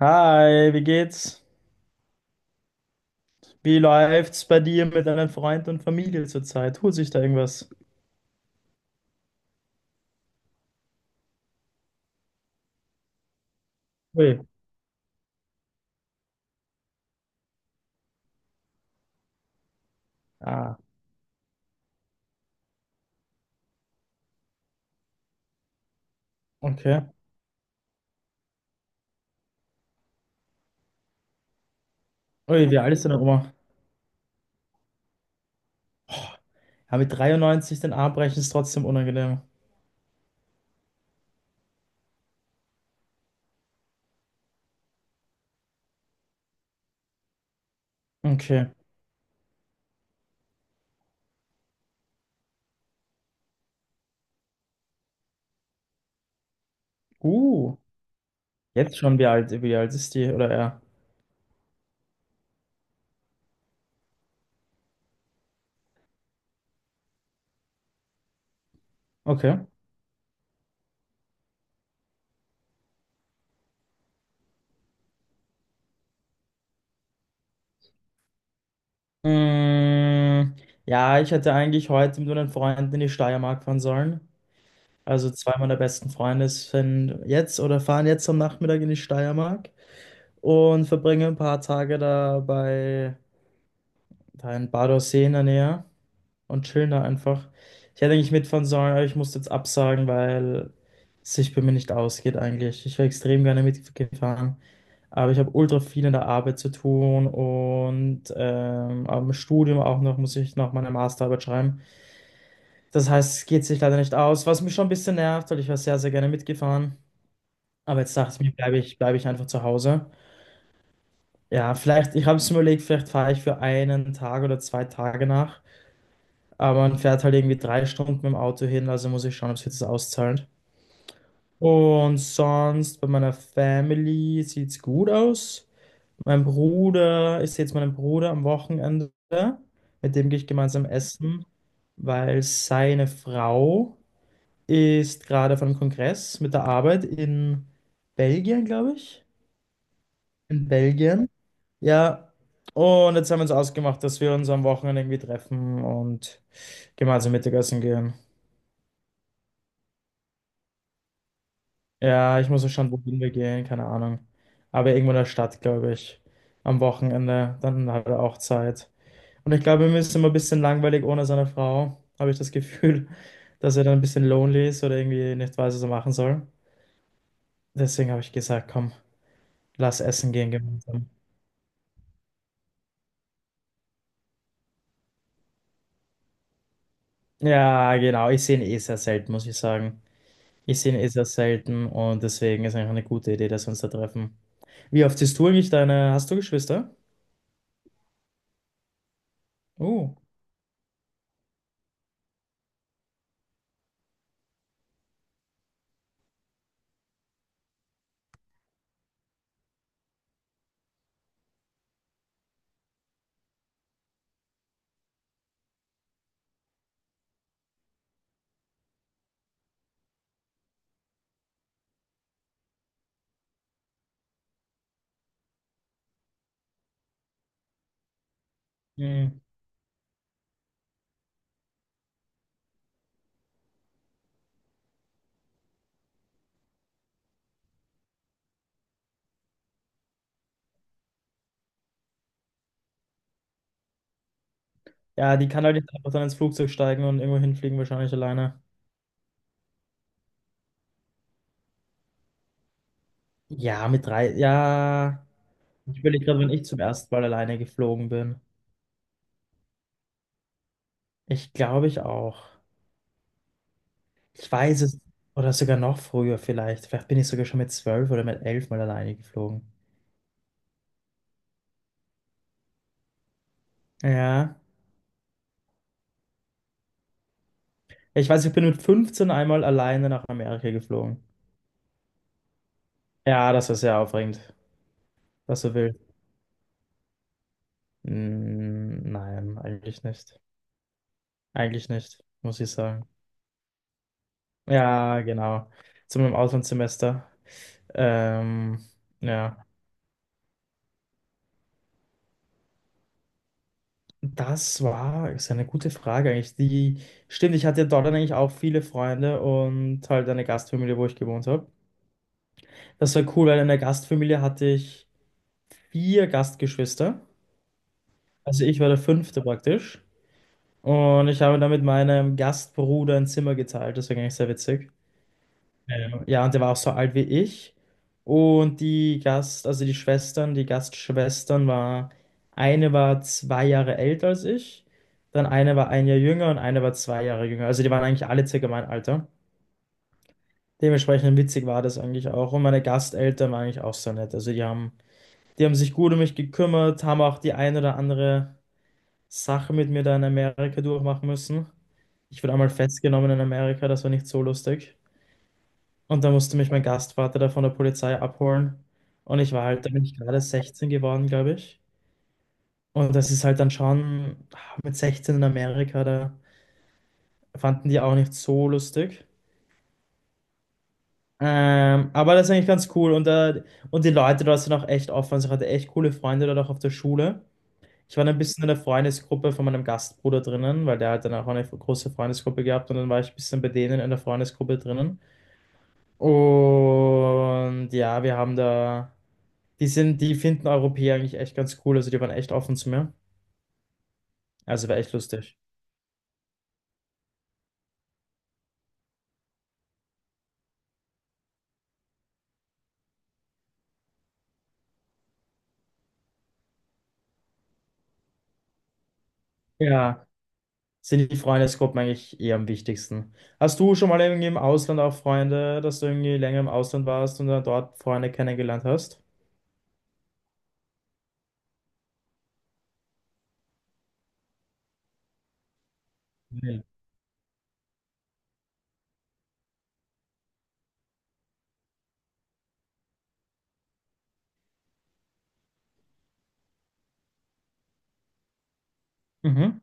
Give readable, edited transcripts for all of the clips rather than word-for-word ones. Hi, wie geht's? Wie läuft's bei dir mit deinen Freunden und Familie zurzeit? Tut sich da irgendwas? Ui. Ah, okay. Ui, wie alt ist deine Oma? Oh, ja, mit 93 den Arm brechen ist trotzdem unangenehm. Okay. Uh, Jetzt schon wie alt ist die oder er? Okay. Mm, ja, ich hätte eigentlich heute mit meinen Freunden in die Steiermark fahren sollen. Also zwei meiner besten Freunde sind jetzt oder fahren jetzt am Nachmittag in die Steiermark und verbringe ein paar Tage da bei da in Badersee in der Nähe und chillen da einfach. Ich hätte eigentlich mitfahren sollen, aber ich musste jetzt absagen, weil es sich bei mir nicht ausgeht eigentlich. Ich wäre extrem gerne mitgefahren, aber ich habe ultra viel in der Arbeit zu tun und am Studium auch noch muss ich noch meine Masterarbeit schreiben. Das heißt, es geht sich leider nicht aus, was mich schon ein bisschen nervt, weil ich wäre sehr, sehr gerne mitgefahren. Aber jetzt dachte ich mir, bleibe ich einfach zu Hause. Ja, vielleicht, ich habe es mir überlegt, vielleicht fahre ich für 1 Tag oder 2 Tage nach. Aber man fährt halt irgendwie 3 Stunden mit dem Auto hin, also muss ich schauen, ob sich das auszahlt. Und sonst bei meiner Family sieht's gut aus. Mein Bruder, ich sehe jetzt meinen Bruder am Wochenende. Mit dem gehe ich gemeinsam essen, weil seine Frau ist gerade auf einem Kongress mit der Arbeit in Belgien, glaube ich. In Belgien. Ja, und jetzt haben wir uns ausgemacht, dass wir uns am Wochenende irgendwie treffen und gemeinsam Mittagessen gehen. Ja, ich muss ja schauen, wohin wir gehen, keine Ahnung. Aber irgendwo in der Stadt, glaube ich. Am Wochenende, dann hat er auch Zeit. Und ich glaube, ihm ist immer ein bisschen langweilig ohne seine Frau, habe ich das Gefühl, dass er dann ein bisschen lonely ist oder irgendwie nicht weiß, was er machen soll. Deswegen habe ich gesagt, komm, lass essen gehen gemeinsam. Ja, genau, ich sehe ihn eh sehr selten, muss ich sagen. Ich sehe ihn eh sehr selten und deswegen ist eigentlich eine gute Idee, dass wir uns da treffen. Wie oft siehst du eigentlich deine? Hast du Geschwister? Oh. Hm. Ja, die kann halt nicht einfach dann ins Flugzeug steigen und irgendwo hinfliegen, wahrscheinlich alleine. Ja, mit drei. Ja. Ich will gerade, wenn ich zum ersten Mal alleine geflogen bin. Ich glaube ich auch. Ich weiß es. Oder sogar noch früher vielleicht. Vielleicht bin ich sogar schon mit 12 oder mit 11 mal alleine geflogen. Ja. Ich weiß, ich bin mit 15 einmal alleine nach Amerika geflogen. Ja, das war sehr aufregend. Das war wild. Mm, nein, eigentlich nicht. Eigentlich nicht, muss ich sagen. Ja, genau. Zu meinem Auslandssemester. Ähm, ja, das war, ist ja eine gute Frage eigentlich. Stimmt, ich hatte ja dort dann eigentlich auch viele Freunde und halt eine Gastfamilie, wo ich gewohnt habe. Das war cool, weil in der Gastfamilie hatte ich vier Gastgeschwister. Also ich war der fünfte praktisch. Und ich habe dann mit meinem Gastbruder ein Zimmer geteilt. Das war eigentlich sehr witzig. Ja, und der war auch so alt wie ich. Und also die Schwestern, die Gastschwestern war, eine war 2 Jahre älter als ich, dann eine war 1 Jahr jünger und eine war 2 Jahre jünger. Also die waren eigentlich alle circa mein Alter. Dementsprechend witzig war das eigentlich auch. Und meine Gasteltern waren eigentlich auch so nett. Also die haben sich gut um mich gekümmert, haben auch die ein oder andere Sache mit mir da in Amerika durchmachen müssen. Ich wurde einmal festgenommen in Amerika, das war nicht so lustig. Und da musste mich mein Gastvater da von der Polizei abholen. Und ich war halt, da bin ich gerade 16 geworden, glaube ich. Und das ist halt dann schon mit 16 in Amerika, da fanden die auch nicht so lustig. Aber das ist eigentlich ganz cool. Und die Leute dort sind auch echt offen. Also ich hatte echt coole Freunde dort auch auf der Schule. Ich war dann ein bisschen in der Freundesgruppe von meinem Gastbruder drinnen, weil der hat dann auch eine große Freundesgruppe gehabt. Und dann war ich ein bisschen bei denen in der Freundesgruppe drinnen. Und ja, wir haben da. Die finden Europäer eigentlich echt ganz cool. Also die waren echt offen zu mir. Also war echt lustig. Ja, sind die Freundesgruppen eigentlich eher am wichtigsten. Hast du schon mal irgendwie im Ausland auch Freunde, dass du irgendwie länger im Ausland warst und dann dort Freunde kennengelernt hast? Nee. Mhm.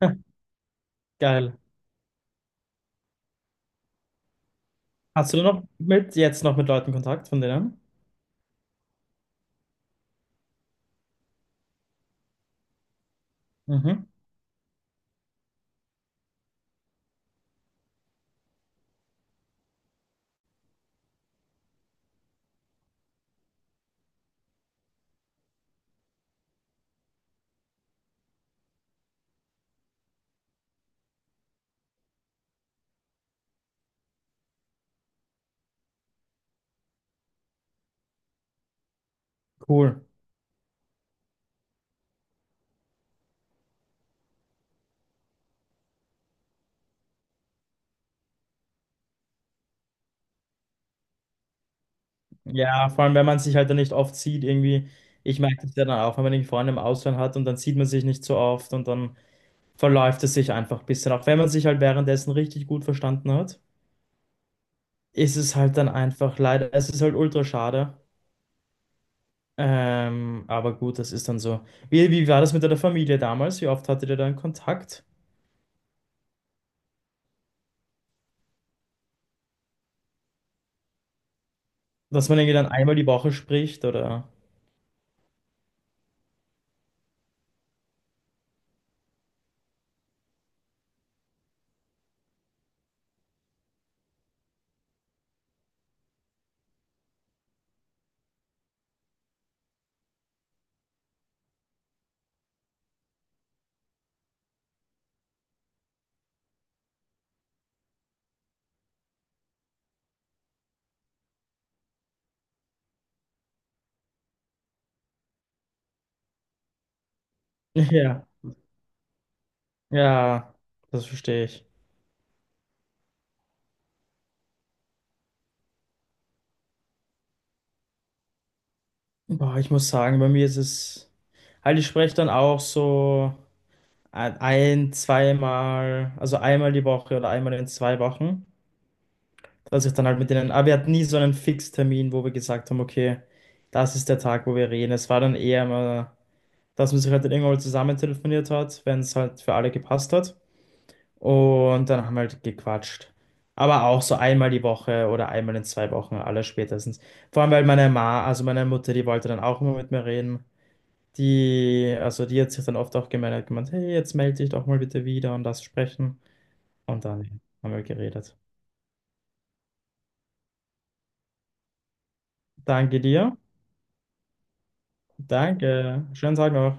Geil. Hast du noch mit jetzt noch mit Leuten Kontakt von denen? Mhm. Cool. Ja, vor allem, wenn man sich halt dann nicht oft sieht, irgendwie, ich merke das ja dann auch, wenn man irgendwie Freunde im Ausland hat und dann sieht man sich nicht so oft und dann verläuft es sich einfach ein bisschen. Auch wenn man sich halt währenddessen richtig gut verstanden hat, ist es halt dann einfach leider, es ist halt ultra schade. Aber gut, das ist dann so. Wie war das mit deiner Familie damals? Wie oft hattet ihr dann Kontakt? Dass man irgendwie dann einmal die Woche spricht oder? Ja, ja, das verstehe ich. Boah, ich muss sagen, bei mir ist es halt, ich spreche dann auch so ein, zweimal, also einmal die Woche oder einmal in 2 Wochen. Dass ich dann halt mit denen, aber wir hatten nie so einen Fixtermin, wo wir gesagt haben, okay, das ist der Tag, wo wir reden. Es war dann eher immer, dass man sich halt dann irgendwann mal zusammen telefoniert hat, wenn es halt für alle gepasst hat. Und dann haben wir halt gequatscht. Aber auch so einmal die Woche oder einmal in zwei Wochen, alle spätestens. Vor allem, weil meine Ma, also meine Mutter, die wollte dann auch immer mit mir reden. Also die hat sich dann oft auch gemeldet, gemeint, hey, jetzt melde dich doch mal bitte wieder und das sprechen. Und dann haben wir geredet. Danke dir. Danke. Schönen Tag noch.